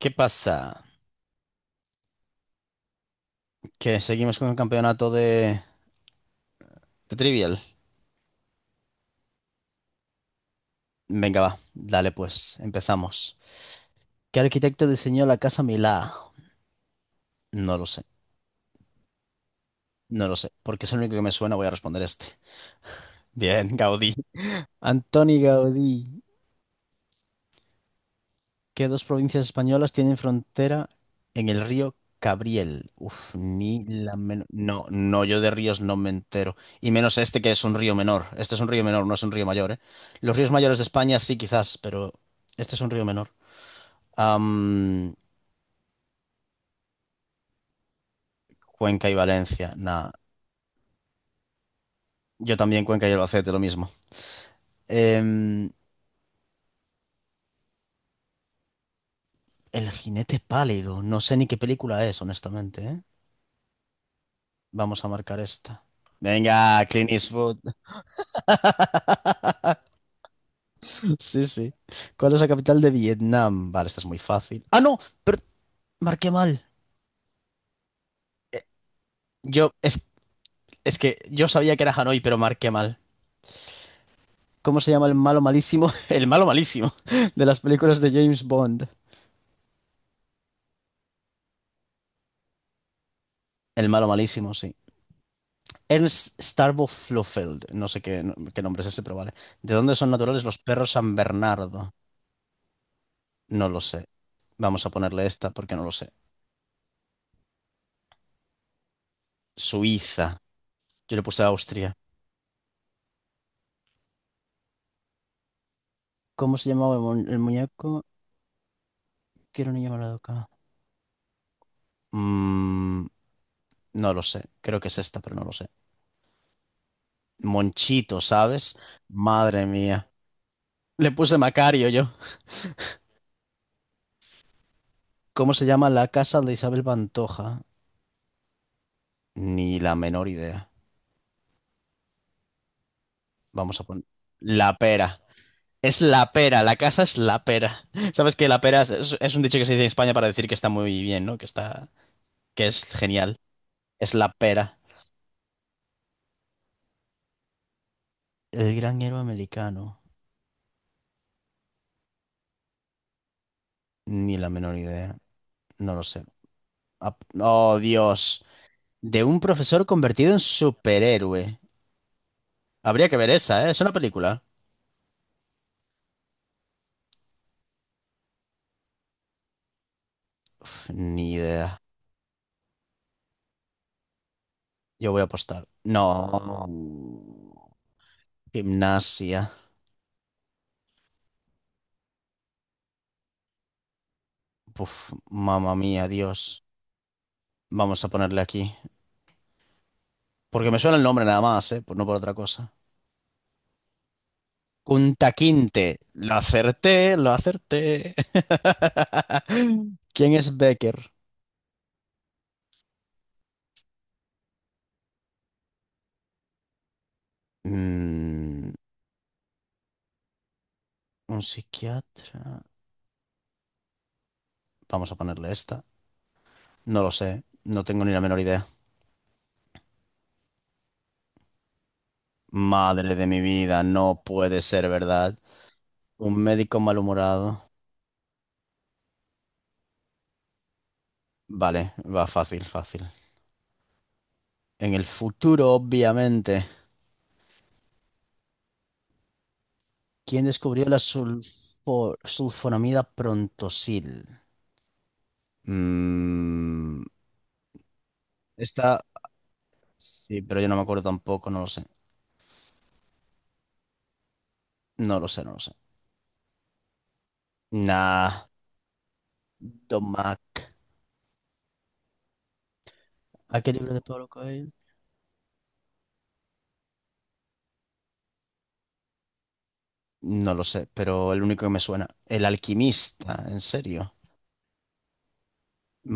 ¿Qué pasa? Que seguimos con el campeonato de Trivial. Venga, va, dale pues, empezamos. ¿Qué arquitecto diseñó la Casa Milá? No lo sé, no lo sé, porque es el único que me suena, voy a responder este. Bien, Gaudí. Antoni Gaudí. ¿Qué dos provincias españolas tienen frontera en el río Cabriel? Uf, ni la menor. No, no, yo de ríos no me entero. Y menos este que es un río menor. Este es un río menor, no es un río mayor, ¿eh? Los ríos mayores de España sí, quizás, pero este es un río menor. Am, Cuenca y Valencia. Nada. Yo también Cuenca y Albacete, lo mismo. Em, El jinete pálido. No sé ni qué película es, honestamente, ¿eh? Vamos a marcar esta. Venga, Clint Eastwood. Sí, sí. ¿Cuál es la capital de Vietnam? Vale, esta es muy fácil. Ah, no, pero marqué mal. Yo, es, es que yo sabía que era Hanoi, pero marqué mal. ¿Cómo se llama el malo malísimo? El malo malísimo de las películas de James Bond. El malo malísimo, sí. Ernst Starbo Flofeld, no sé qué, no, qué nombre es ese, pero vale. ¿De dónde son naturales los perros San Bernardo? No lo sé. Vamos a ponerle esta porque no lo sé. Suiza. Yo le puse Austria. ¿Cómo se llamaba el muñeco? Quiero niño llamado acá. Mm, no lo sé. Creo que es esta, pero no lo sé. Monchito, ¿sabes? Madre mía. Le puse Macario yo. ¿Cómo se llama la casa de Isabel Pantoja? Ni la menor idea. Vamos a poner. La pera. Es la pera, la casa es la pera. Sabes que la pera es un dicho que se dice en España para decir que está muy bien, ¿no? Que es genial. Es la pera. El gran héroe americano. Ni la menor idea. No lo sé. Oh, Dios. De un profesor convertido en superhéroe. Habría que ver esa, ¿eh? Es una película. Uf, ni idea. Yo voy a apostar. No. Gimnasia. Uf, mamma mía, Dios. Vamos a ponerle aquí. Porque me suena el nombre nada más, ¿eh? Pues no por otra cosa. Kunta Kinte. Lo acerté, lo acerté. ¿Quién es Becker? Mm, un psiquiatra. Vamos a ponerle esta. No lo sé. No tengo ni la menor idea. Madre de mi vida, no puede ser verdad. Un médico malhumorado. Vale, va fácil, fácil. En el futuro, obviamente. ¿Quién descubrió la sulfonamida prontosil? Mm, Está. Sí, pero yo no me acuerdo tampoco, no lo sé. No lo sé. Nah, Don Mac. ¿A qué libro de Pablo Coelho? No lo sé, pero el único que me suena. El alquimista, ¿en serio?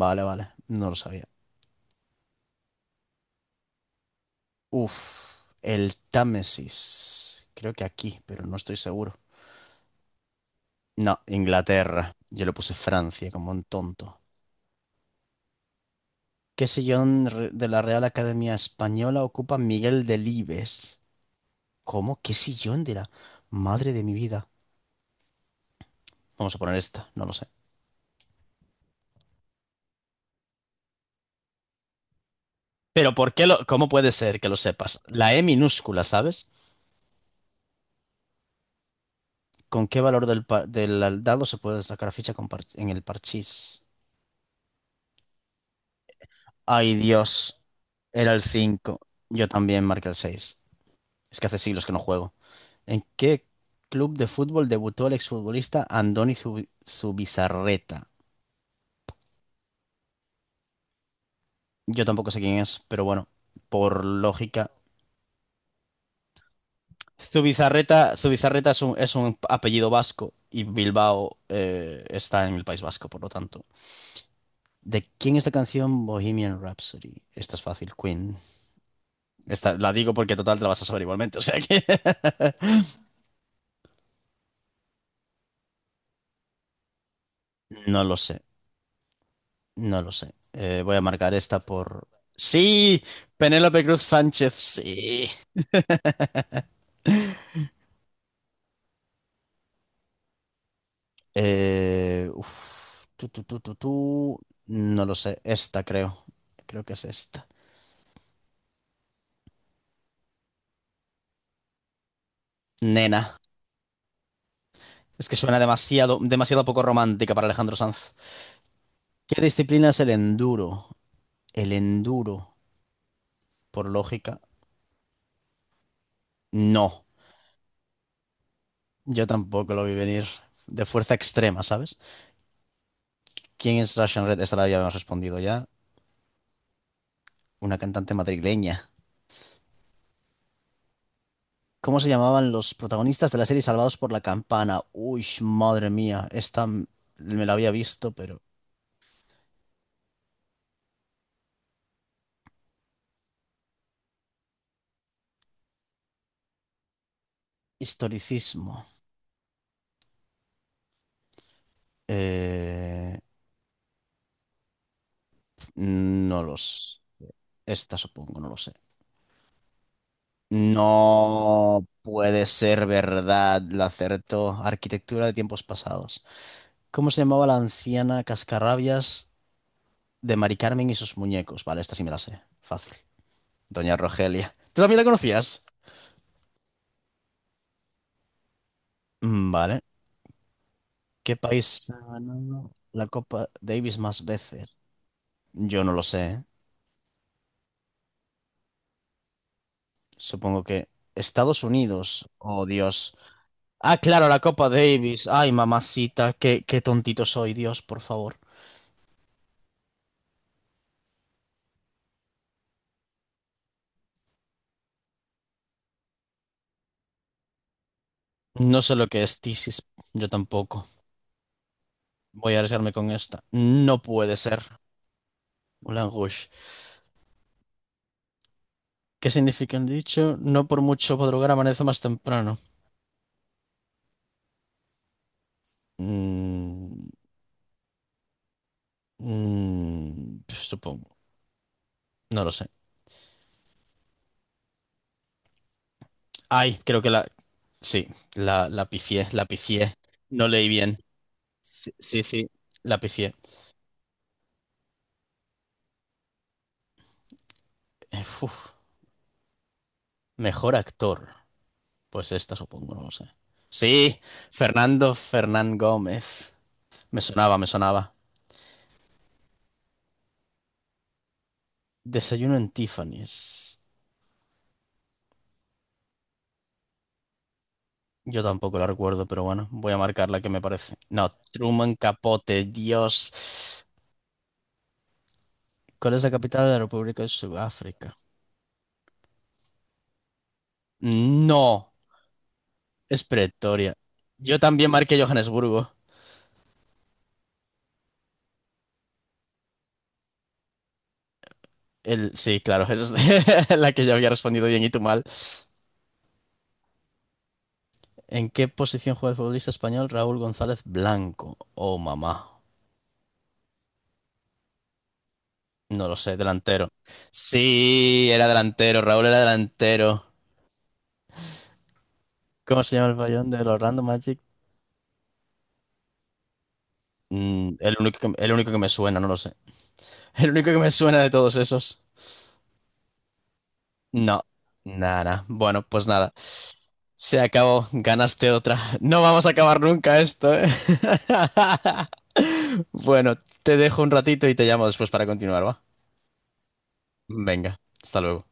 Vale, vale, no lo sabía. Uf, el Támesis. Creo que aquí, pero no estoy seguro. No, Inglaterra. Yo le puse Francia como un tonto. ¿Qué sillón de la Real Academia Española ocupa Miguel Delibes? ¿Cómo? ¿Qué sillón de la madre de mi vida? Vamos a poner esta, no lo sé. Pero ¿cómo puede ser que lo sepas? La E minúscula, ¿sabes? ¿Con qué valor del dado se puede sacar ficha con en el parchís? Ay, Dios. Era el 5. Yo también marqué el 6. Es que hace siglos que no juego. ¿En qué club de fútbol debutó el exfutbolista Andoni Zubizarreta? Yo tampoco sé quién es, pero bueno, por lógica. Su bizarreta es un apellido vasco y Bilbao está en el País Vasco, por lo tanto. ¿De quién es la canción Bohemian Rhapsody? Esta es fácil, Queen. Esta, la digo porque total te la vas a saber igualmente, o sea que... No lo sé, no lo sé. Voy a marcar esta por... Sí, Penélope Cruz Sánchez, sí. Tú, tú, tú, tú, tú. No lo sé, esta creo. Creo que es esta. Nena. Es que suena demasiado, demasiado poco romántica para Alejandro Sanz. ¿Qué disciplina es el enduro? El enduro, por lógica, no. Yo tampoco lo vi venir. De fuerza extrema, ¿sabes? ¿Quién es Russian Red? Esta la ya habíamos respondido ya. Una cantante madrileña. ¿Cómo se llamaban los protagonistas de la serie Salvados por la Campana? Uy, madre mía. Esta me la había visto, pero... Historicismo. Eh, No los... Esta supongo, no lo sé. No puede ser verdad, la acertó. Arquitectura de tiempos pasados. ¿Cómo se llamaba la anciana cascarrabias de Mari Carmen y sus muñecos? Vale, esta sí me la sé. Fácil. Doña Rogelia. ¿Tú también la conocías? Vale. ¿Qué país ha ganado la Copa Davis más veces? Yo no lo sé, ¿eh? Supongo que Estados Unidos. Oh, Dios. Ah, claro, la Copa Davis. Ay, mamacita, qué, qué tontito soy, Dios, por favor. No sé lo que es Thesis, yo tampoco. Voy a arriesgarme con esta. No puede ser. Moulin Rouge. ¿Qué significa el dicho? No por mucho madrugar amanece más temprano. Mm, supongo. No lo sé. Ay, creo que la... Sí, la pifié, la pifié. No leí bien. Sí, la pifié. Uf. Mejor actor. Pues esta supongo, no lo sé. Sí, Fernando Fernán Gómez. Me sonaba, me sonaba. Desayuno en Tiffany's. Yo tampoco la recuerdo, pero bueno, voy a marcar la que me parece. No, Truman Capote, Dios. ¿Cuál es la capital de la República de Sudáfrica? No, es Pretoria. Yo también marqué Johannesburgo. Sí, claro, esa es la que yo había respondido bien y tú mal. ¿En qué posición juega el futbolista español Raúl González Blanco? Oh, mamá. No lo sé, delantero. Sí, era delantero, Raúl era delantero. ¿Cómo se llama el pabellón del Orlando Magic? El único que me suena, no lo sé. El único que me suena de todos esos. No, nada. Bueno, pues nada. Se acabó, ganaste otra. No vamos a acabar nunca esto, ¿eh? Bueno, te dejo un ratito y te llamo después para continuar, ¿va? Venga, hasta luego.